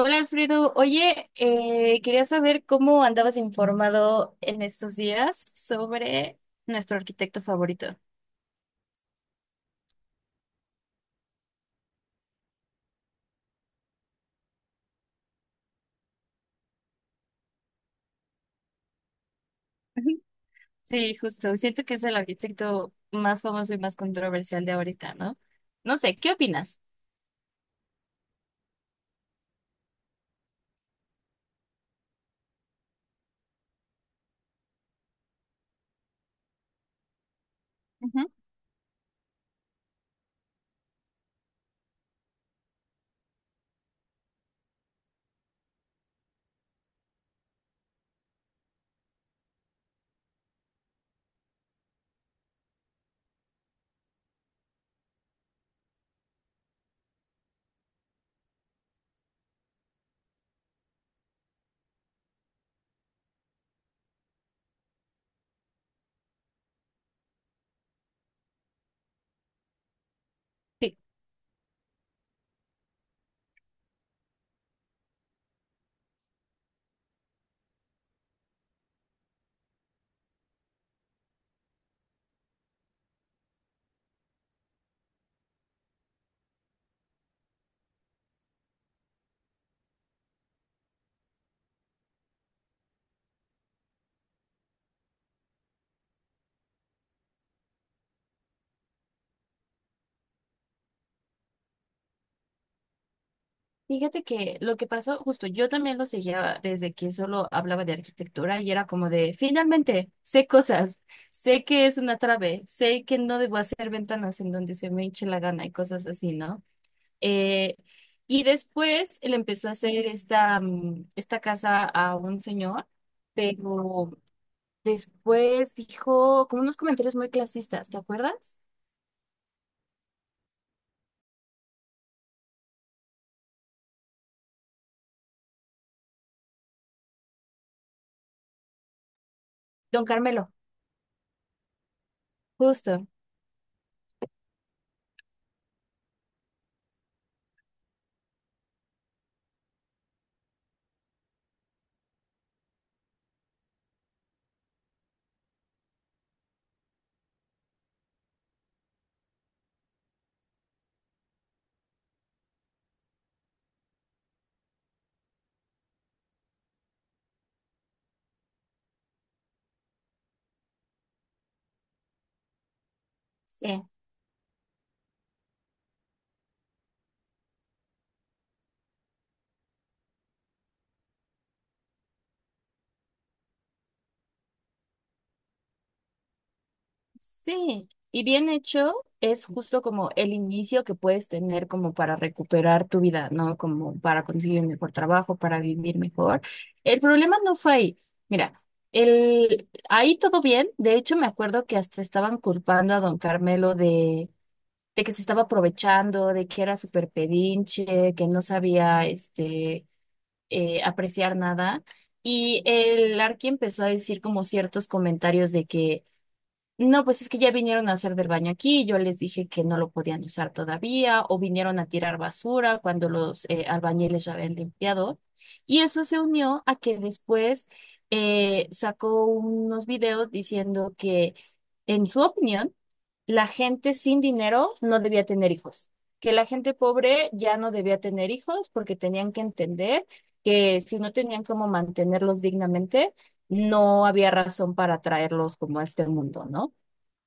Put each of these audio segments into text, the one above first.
Hola Alfredo, oye, quería saber cómo andabas informado en estos días sobre nuestro arquitecto favorito. Ujú. Sí, justo, siento que es el arquitecto más famoso y más controversial de ahorita, ¿no? No sé, ¿qué opinas? Ujú. Sí. Fíjate que lo que pasó, justo yo también lo seguía desde que solo hablaba de arquitectura y era como de, finalmente, sé cosas, sé que es una trave, sé que no debo hacer ventanas en donde se me hinche la gana y cosas así, ¿no? Eh, y después él empezó a hacer esta, esta casa a un señor, pero después dijo como unos comentarios muy clasistas, ¿te acuerdas? Don Carmelo, justo. Sí. Sí, y bien hecho es justo como el inicio que puedes tener como para recuperar tu vida, ¿no? Como para conseguir un mejor trabajo, para vivir mejor. El problema no fue ahí. Mira, ahí todo bien. De hecho, me acuerdo que hasta estaban culpando a don Carmelo de que se estaba aprovechando, de que era súper pedinche, que no sabía, este, apreciar nada. Y el Arqui empezó a decir como ciertos comentarios de que no, pues es que ya vinieron a hacer del baño aquí, yo les dije que no lo podían usar todavía, o vinieron a tirar basura cuando los albañiles ya habían limpiado. Y eso se unió a que después sacó unos videos diciendo que, en su opinión, la gente sin dinero no debía tener hijos, que la gente pobre ya no debía tener hijos porque tenían que entender que si no tenían cómo mantenerlos dignamente, no había razón para traerlos como a este mundo, ¿no?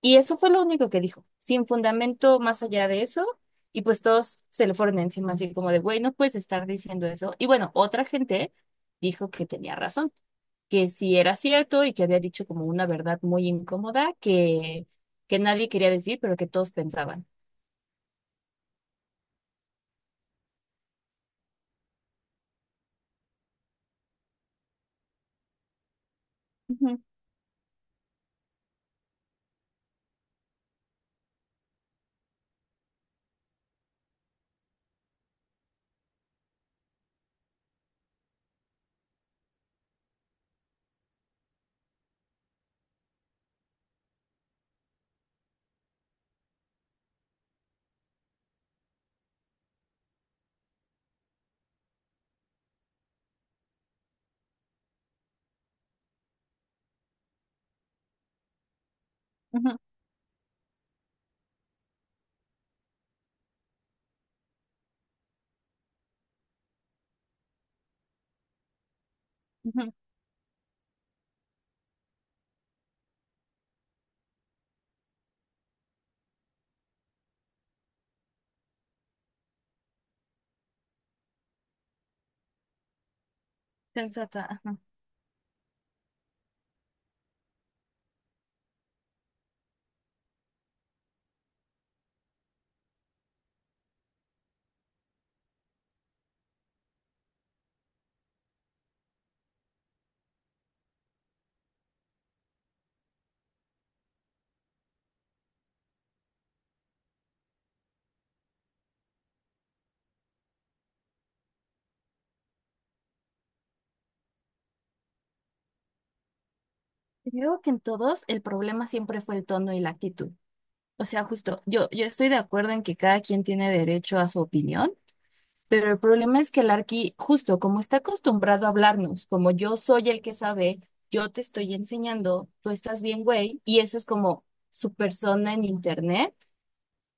Y eso fue lo único que dijo, sin fundamento más allá de eso. Y pues todos se le fueron encima, así como de, güey, no puedes estar diciendo eso. Y bueno, otra gente dijo que tenía razón, que sí era cierto y que había dicho como una verdad muy incómoda que nadie quería decir, pero que todos pensaban. Ujú, ujú, ujú, Sensata. Ajá. Creo que en todos el problema siempre fue el tono y la actitud. O sea, justo, yo estoy de acuerdo en que cada quien tiene derecho a su opinión. Pero el problema es que el Arqui, justo como está acostumbrado a hablarnos, como yo soy el que sabe, yo te estoy enseñando, tú estás bien, güey, y eso es como su persona en internet,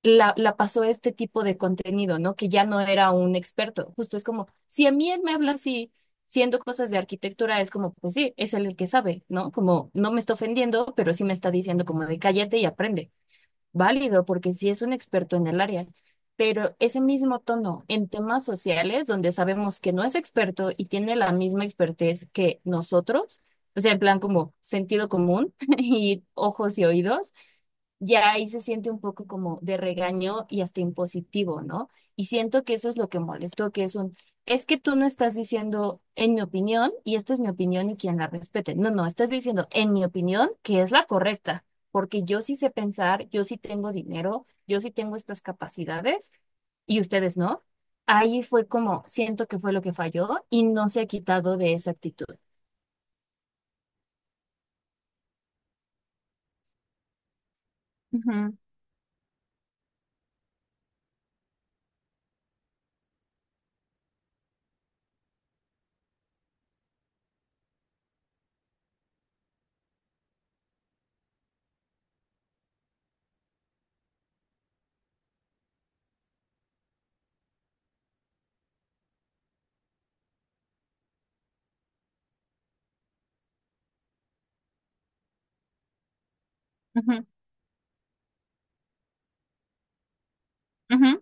la pasó a este tipo de contenido, ¿no? Que ya no era un experto. Justo es como, si a mí él me habla así, siendo cosas de arquitectura, es como, pues sí, es él el que sabe, ¿no? Como no me está ofendiendo, pero sí me está diciendo como de cállate y aprende, válido porque sí es un experto en el área, pero ese mismo tono en temas sociales, donde sabemos que no es experto y tiene la misma expertez que nosotros, o sea, en plan como sentido común y ojos y oídos, ya ahí se siente un poco como de regaño y hasta impositivo, ¿no? Y siento que eso es lo que molestó, que es un, es que tú no estás diciendo en mi opinión y esta es mi opinión y quien la respete. No, no, estás diciendo en mi opinión que es la correcta, porque yo sí sé pensar, yo sí tengo dinero, yo sí tengo estas capacidades y ustedes no. Ahí fue como, siento que fue lo que falló y no se ha quitado de esa actitud. Ujú, ujú, ujú.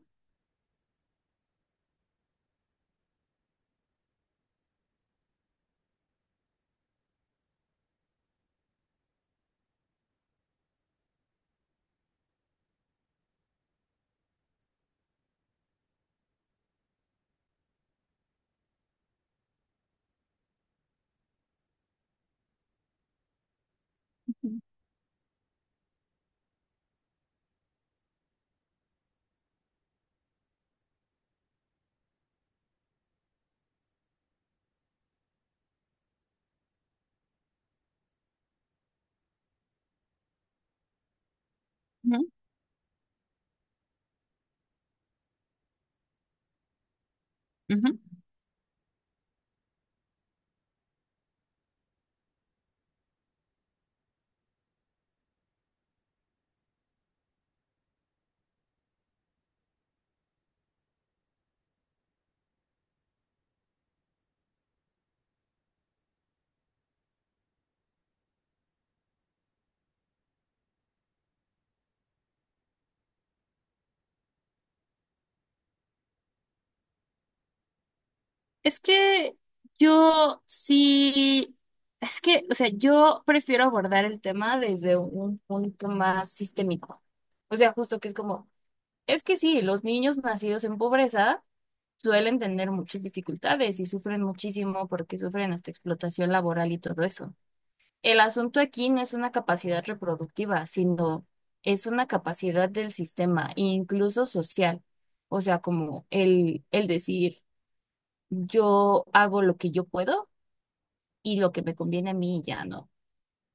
Es que yo sí, es que, o sea, yo prefiero abordar el tema desde un punto más sistémico. O sea, justo que es como, es que sí, los niños nacidos en pobreza suelen tener muchas dificultades y sufren muchísimo porque sufren hasta explotación laboral y todo eso. El asunto aquí no es una capacidad reproductiva, sino es una capacidad del sistema, incluso social. O sea, como el decir yo hago lo que yo puedo y lo que me conviene a mí ya no.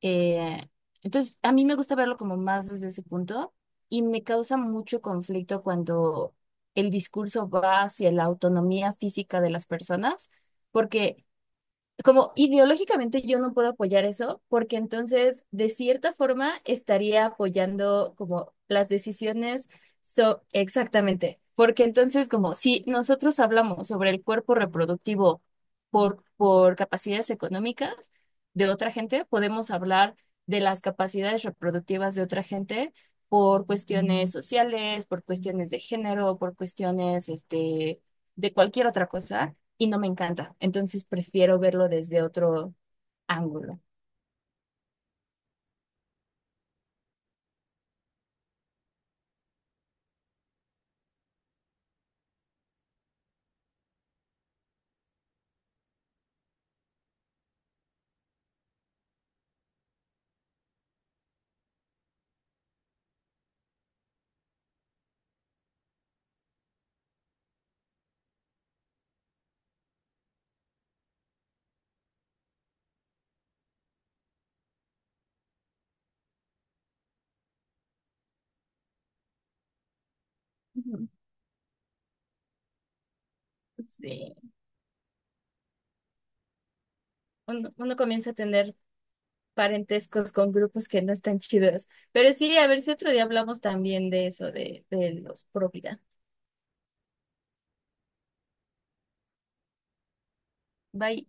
Eh, entonces, a mí me gusta verlo como más desde ese punto y me causa mucho conflicto cuando el discurso va hacia la autonomía física de las personas, porque como ideológicamente yo no puedo apoyar eso, porque entonces de cierta forma estaría apoyando como las decisiones, so exactamente, porque entonces como si nosotros hablamos sobre el cuerpo reproductivo por capacidades económicas de otra gente, podemos hablar de las capacidades reproductivas de otra gente por cuestiones sociales, por cuestiones de género, por cuestiones este, de cualquier otra cosa y no me encanta. Entonces prefiero verlo desde otro ángulo. Ujú. Sí, uno comienza a tener parentescos con grupos que no están chidos. Pero sí, a ver si otro día hablamos también de eso, de los pro vida. Bye.